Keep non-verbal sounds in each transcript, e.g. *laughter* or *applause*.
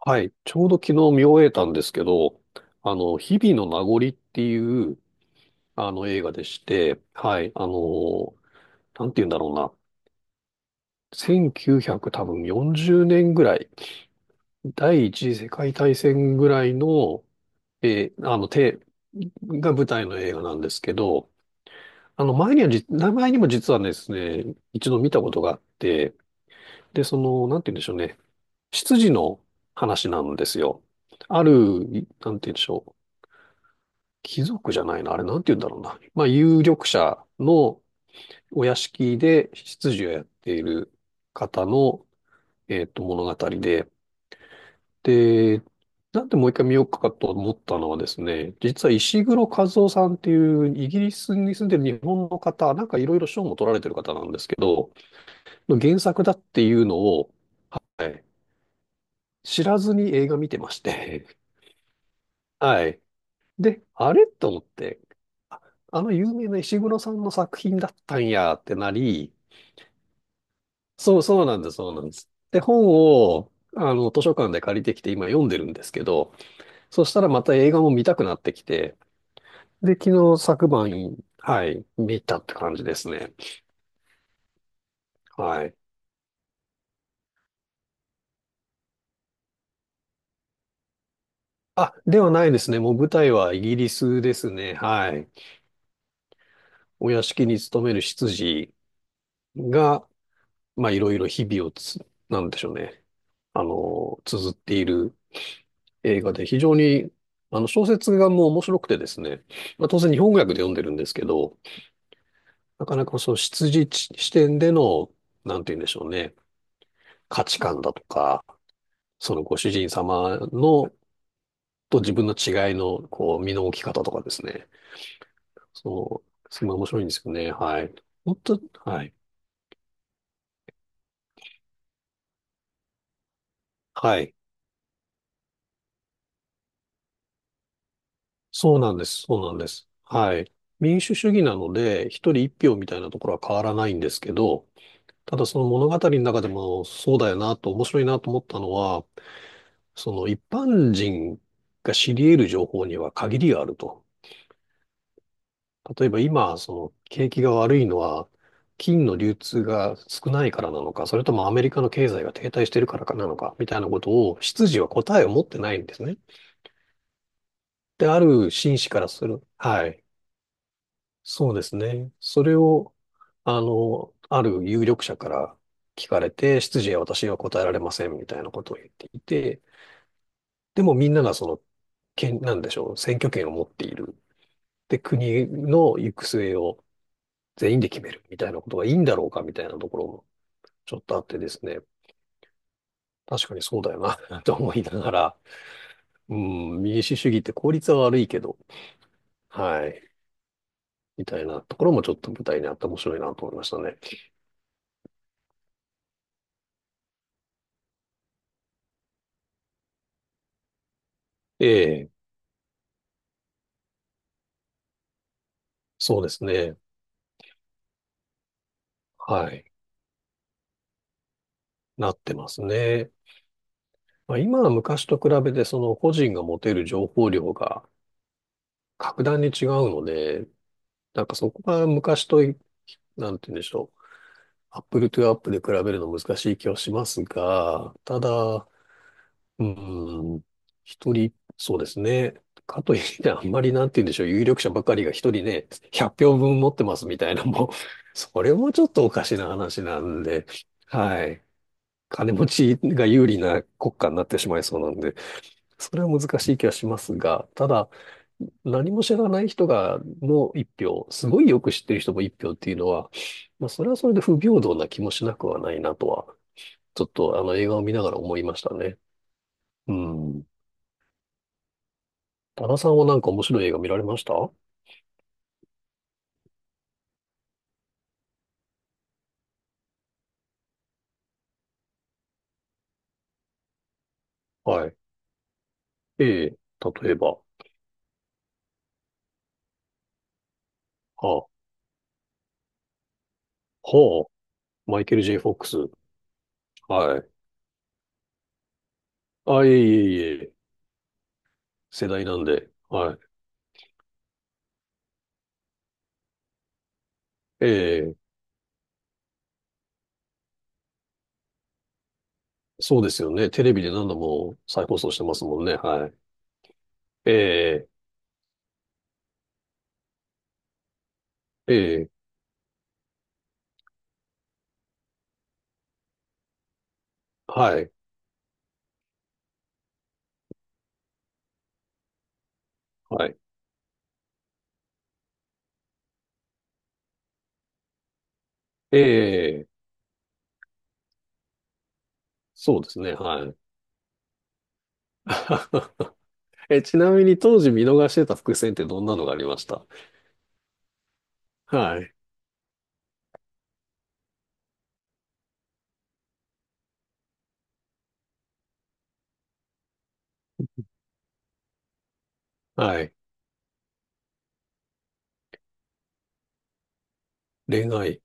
はい。ちょうど昨日見終えたんですけど、日々の名残っていう、映画でして、はい。あの、なんて言うんだろうな。1 9 0多分40年ぐらい、第一次世界大戦ぐらいの、えーあの、て、が舞台の映画なんですけど、前にも実はですね、一度見たことがあって、で、その、なんて言うんでしょうね。執事の話なんですよ。ある、なんて言うんでしょう。貴族じゃないな。あれ、なんて言うんだろうな。まあ、有力者のお屋敷で執事をやっている方の、物語で。で、なんでもう一回見ようかと思ったのはですね、実は石黒和夫さんっていうイギリスに住んでる日本の方、なんかいろいろ賞も取られてる方なんですけど、の原作だっていうのを、はい、知らずに映画見てまして、*laughs* はい。で、あれと思って、ああの有名な石黒さんの作品だったんやってなり、そうそうなんです、そうなんです。で、本を、図書館で借りてきて今読んでるんですけど、そしたらまた映画も見たくなってきて、で、昨晩、はい、見たって感じですね。はい。あ、ではないですね。もう舞台はイギリスですね。はい。お屋敷に勤める執事が、まあ、いろいろ日々をつ、なんでしょうね。あの、綴っている映画で非常に、小説がもう面白くてですね、まあ、当然日本語訳で読んでるんですけど、なかなかその出自地視点での、なんて言うんでしょうね、価値観だとか、そのご主人様の、と自分の違いの、こう、身の置き方とかですね、そうすごい面白いんですよね。はい。本当、はい。はい。そうなんです。そうなんです。はい。民主主義なので、一人一票みたいなところは変わらないんですけど、ただその物語の中でもそうだよなと面白いなと思ったのは、その一般人が知り得る情報には限りがあると。例えば今、その景気が悪いのは金の流通が少ないからなのか、それともアメリカの経済が停滞してるからかなのか、みたいなことを、執事は答えを持ってないんですね。で、ある紳士からする。はい。そうですね。それを、ある有力者から聞かれて、執事は私は答えられません、みたいなことを言っていて、でもみんながその、権、なんでしょう、選挙権を持っている。で、国の行く末を全員で決めるみたいなことがいいんだろうかみたいなところもちょっとあってですね。確かにそうだよな *laughs* と思いながら、うん、民主主義って効率は悪いけど、はい、みたいなところもちょっと舞台にあって面白いなと思いましたね。ええ、そうですね。はい、なってますね。まあ、今は昔と比べてその個人が持てる情報量が格段に違うので、なんかそこが昔と比なんて言うんでしょう。アップルトゥアップで比べるの難しい気はしますが、ただ、うん、一人、そうですね。かといって、あんまりなんて言うんでしょう。有力者ばかりが一人ね、100票分持ってますみたいなもも、それもちょっとおかしな話なんで、はい。金持ちが有利な国家になってしまいそうなんで、それは難しい気はしますが、ただ、何も知らない人がの一票、すごいよく知ってる人も一票っていうのは、まあ、それはそれで不平等な気もしなくはないなとは、ちょっとあの映画を見ながら思いましたね。うん。多田さんはなんか面白い映画見られました？はい。ええ、例えば、あ、ほマイケル・ J・フォックス。はい。あ、いえいえいえ、世代なんで。はい。ええ、そうですよね。テレビで何度も再放送してますもんね。はい。ええ、えはい。はい。ええ、そうですね。はい。*laughs* え、ちなみに当時見逃してた伏線ってどんなのがありました？はい。はい。恋愛。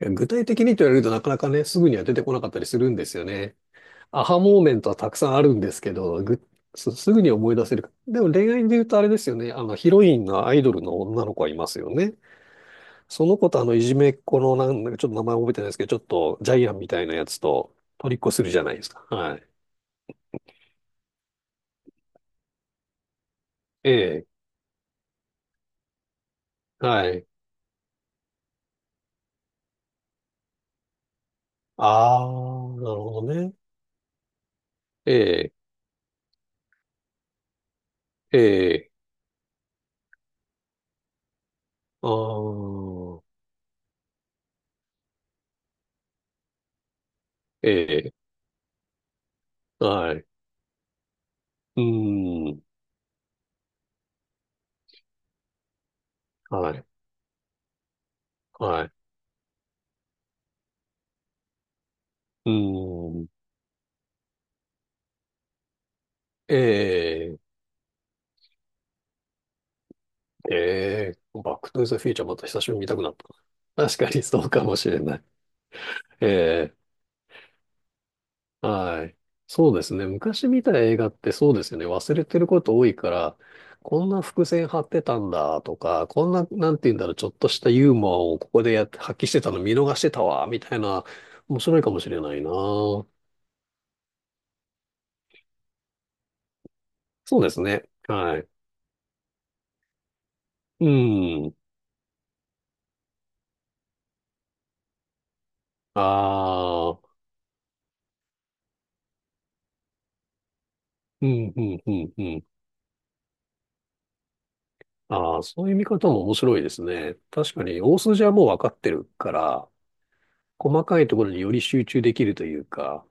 え具体的にと言われるとなかなかね、すぐには出てこなかったりするんですよね。アハモーメントはたくさんあるんですけど、すぐに思い出せるか。でも恋愛で言うとあれですよね。あの、ヒロインがアイドルの女の子はいますよね。その子とあの、いじめっ子のなんだか、ちょっと名前覚えてないですけど、ちょっとジャイアンみたいなやつと、トリっこするじゃないですか。はい。ええ。はい。ああ、なるほどね。ええ、ええ、ああ、え、ええ、はい。うーん、はい、はい。うーん、ええ、ええ、バックトゥーザフューチャーまた久しぶりに見たくなった。確かにそうかもしれない。ええ。はい。そうですね。昔見た映画ってそうですよね。忘れてること多いから、こんな伏線張ってたんだとか、こんな、なんて言うんだろう、ちょっとしたユーモアをここでやって発揮してたの見逃してたわ、みたいな、面白いかもしれないな。そうですね。はい。うん。ああ、うん、うん、うん、うん。ああ、そういう見方も面白いですね。確かに、大筋はもう分かってるから、細かいところにより集中できるというか、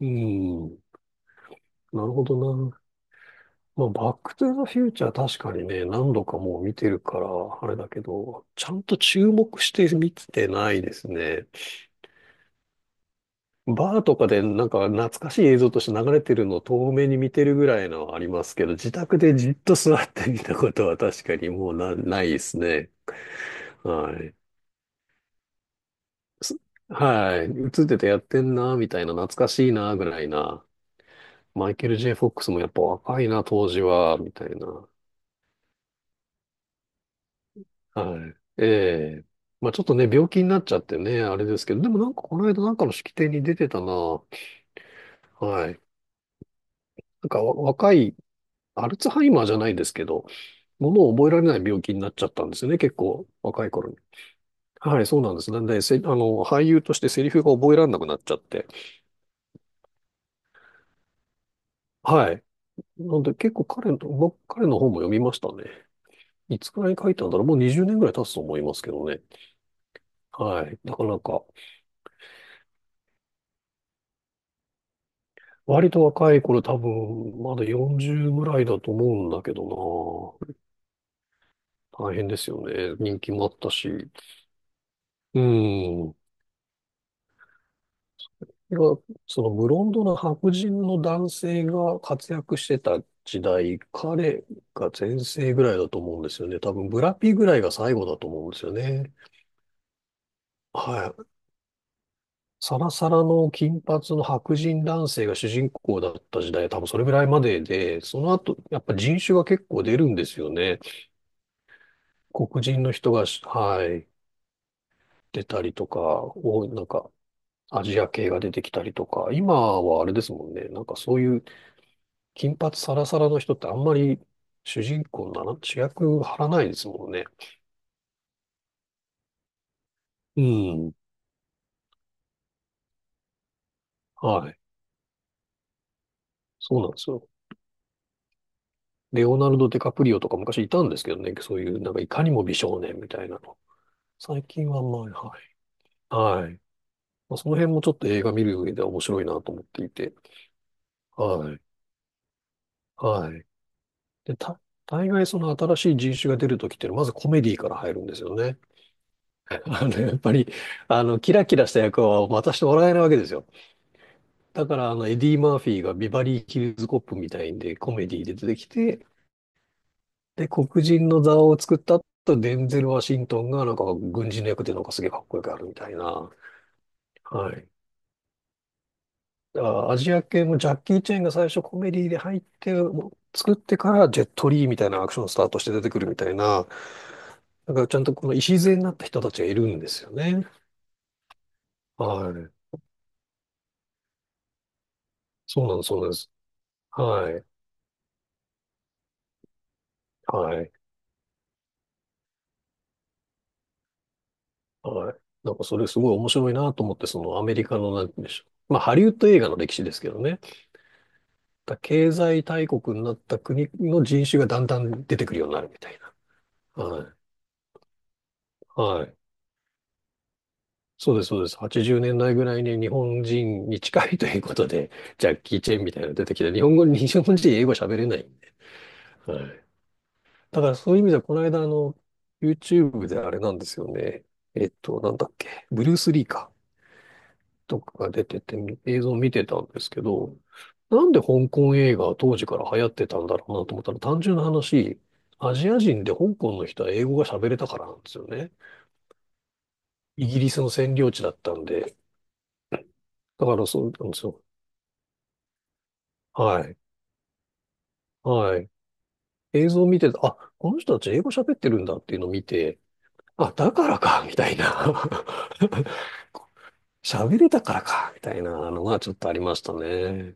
うん。なるほどな。まあ、バックトゥーザフューチャー確かにね、何度かもう見てるから、あれだけど、ちゃんと注目して見てないですね。バーとかでなんか懐かしい映像として流れてるのを遠目に見てるぐらいのはありますけど、自宅でじっと座って見たことは確かにもうな、ないですね。はい。すはい。映っててやってんな、みたいな、懐かしいな、ぐらいな。マイケル・ J・フォックスもやっぱ若いな、当時は、みたいな。はい。ええ。まあちょっとね、病気になっちゃってね、あれですけど、でもなんかこの間なんかの式典に出てたな。はい。なんかわ若い、アルツハイマーじゃないですけど、ものを覚えられない病気になっちゃったんですよね、結構若い頃に。はい、そうなんです。なんで、せ、あの、俳優としてセリフが覚えられなくなっちゃって。はい。なんで結構彼の本も読みましたね。いつくらいに書いたんだろう。もう20年ぐらい経つと思いますけどね。はい。なかなか。割と若い頃多分、まだ40ぐらいだと思うんだけどな。大変ですよね。人気もあったし。うん。いやそのブロンドの白人の男性が活躍してた時代、彼が全盛ぐらいだと思うんですよね。多分、ブラピぐらいが最後だと思うんですよね。はい。サラサラの金髪の白人男性が主人公だった時代、多分それぐらいまでで、その後、やっぱ人種が結構出るんですよね。黒人の人がし、はい。出たりとか、お、なんか、アジア系が出てきたりとか、今はあれですもんね。なんかそういう金髪サラサラの人ってあんまり主人公なら、主役張らないですもんね。うん。はい。そうなんですよ。レオナルド・ディカプリオとか昔いたんですけどね。そういう、なんかいかにも美少年みたいなの。最近ははい。はい。まあ、その辺もちょっと映画見る上では面白いなと思っていて。はい。はい。で、た、大概その新しい人種が出るときっていうのは、まずコメディから入るんですよね。やっぱり、キラキラした役は渡してもらえないわけですよ。だから、エディ・マーフィーがビバリー・ヒルズ・コップみたいんで、コメディで出てきて、で、黒人の座を作った後、デンゼル・ワシントンが、なんか、軍人の役で、なんかすげえかっこよくやるみたいな。はい。だからアジア系もジャッキー・チェンが最初コメディで入って、もう作ってから、ジェット・リーみたいなアクションスタートして出てくるみたいな、なんか、ちゃんとこの礎になった人たちがいるんですよね。はい。そうなんです、そうなんです。はい。はい。はい。なんかそれすごい面白いなと思って、そのアメリカのなんて言うんでしょう。まあハリウッド映画の歴史ですけどね。だ経済大国になった国の人種がだんだん出てくるようになるみたいな。はい。はい。そうです、そうです。80年代ぐらいに日本人に近いということで、ジャッキー・チェンみたいなの出てきて、日本語に、日本人英語喋れない。はい。だからそういう意味では、この間あの、YouTube であれなんですよね。なんだっけ。ブルース・リーか。とかが出てて映像を見てたんですけど、なんで香港映画は当時から流行ってたんだろうなと思ったら単純な話、アジア人で香港の人は英語が喋れたからなんですよね。イギリスの占領地だったんで。だからそうなんですよ。はい。はい。映像を見てて、あ、この人たち英語喋ってるんだっていうのを見て、あ、だからか、みたいな。*laughs* 喋れたからか、みたいなのがちょっとありましたね。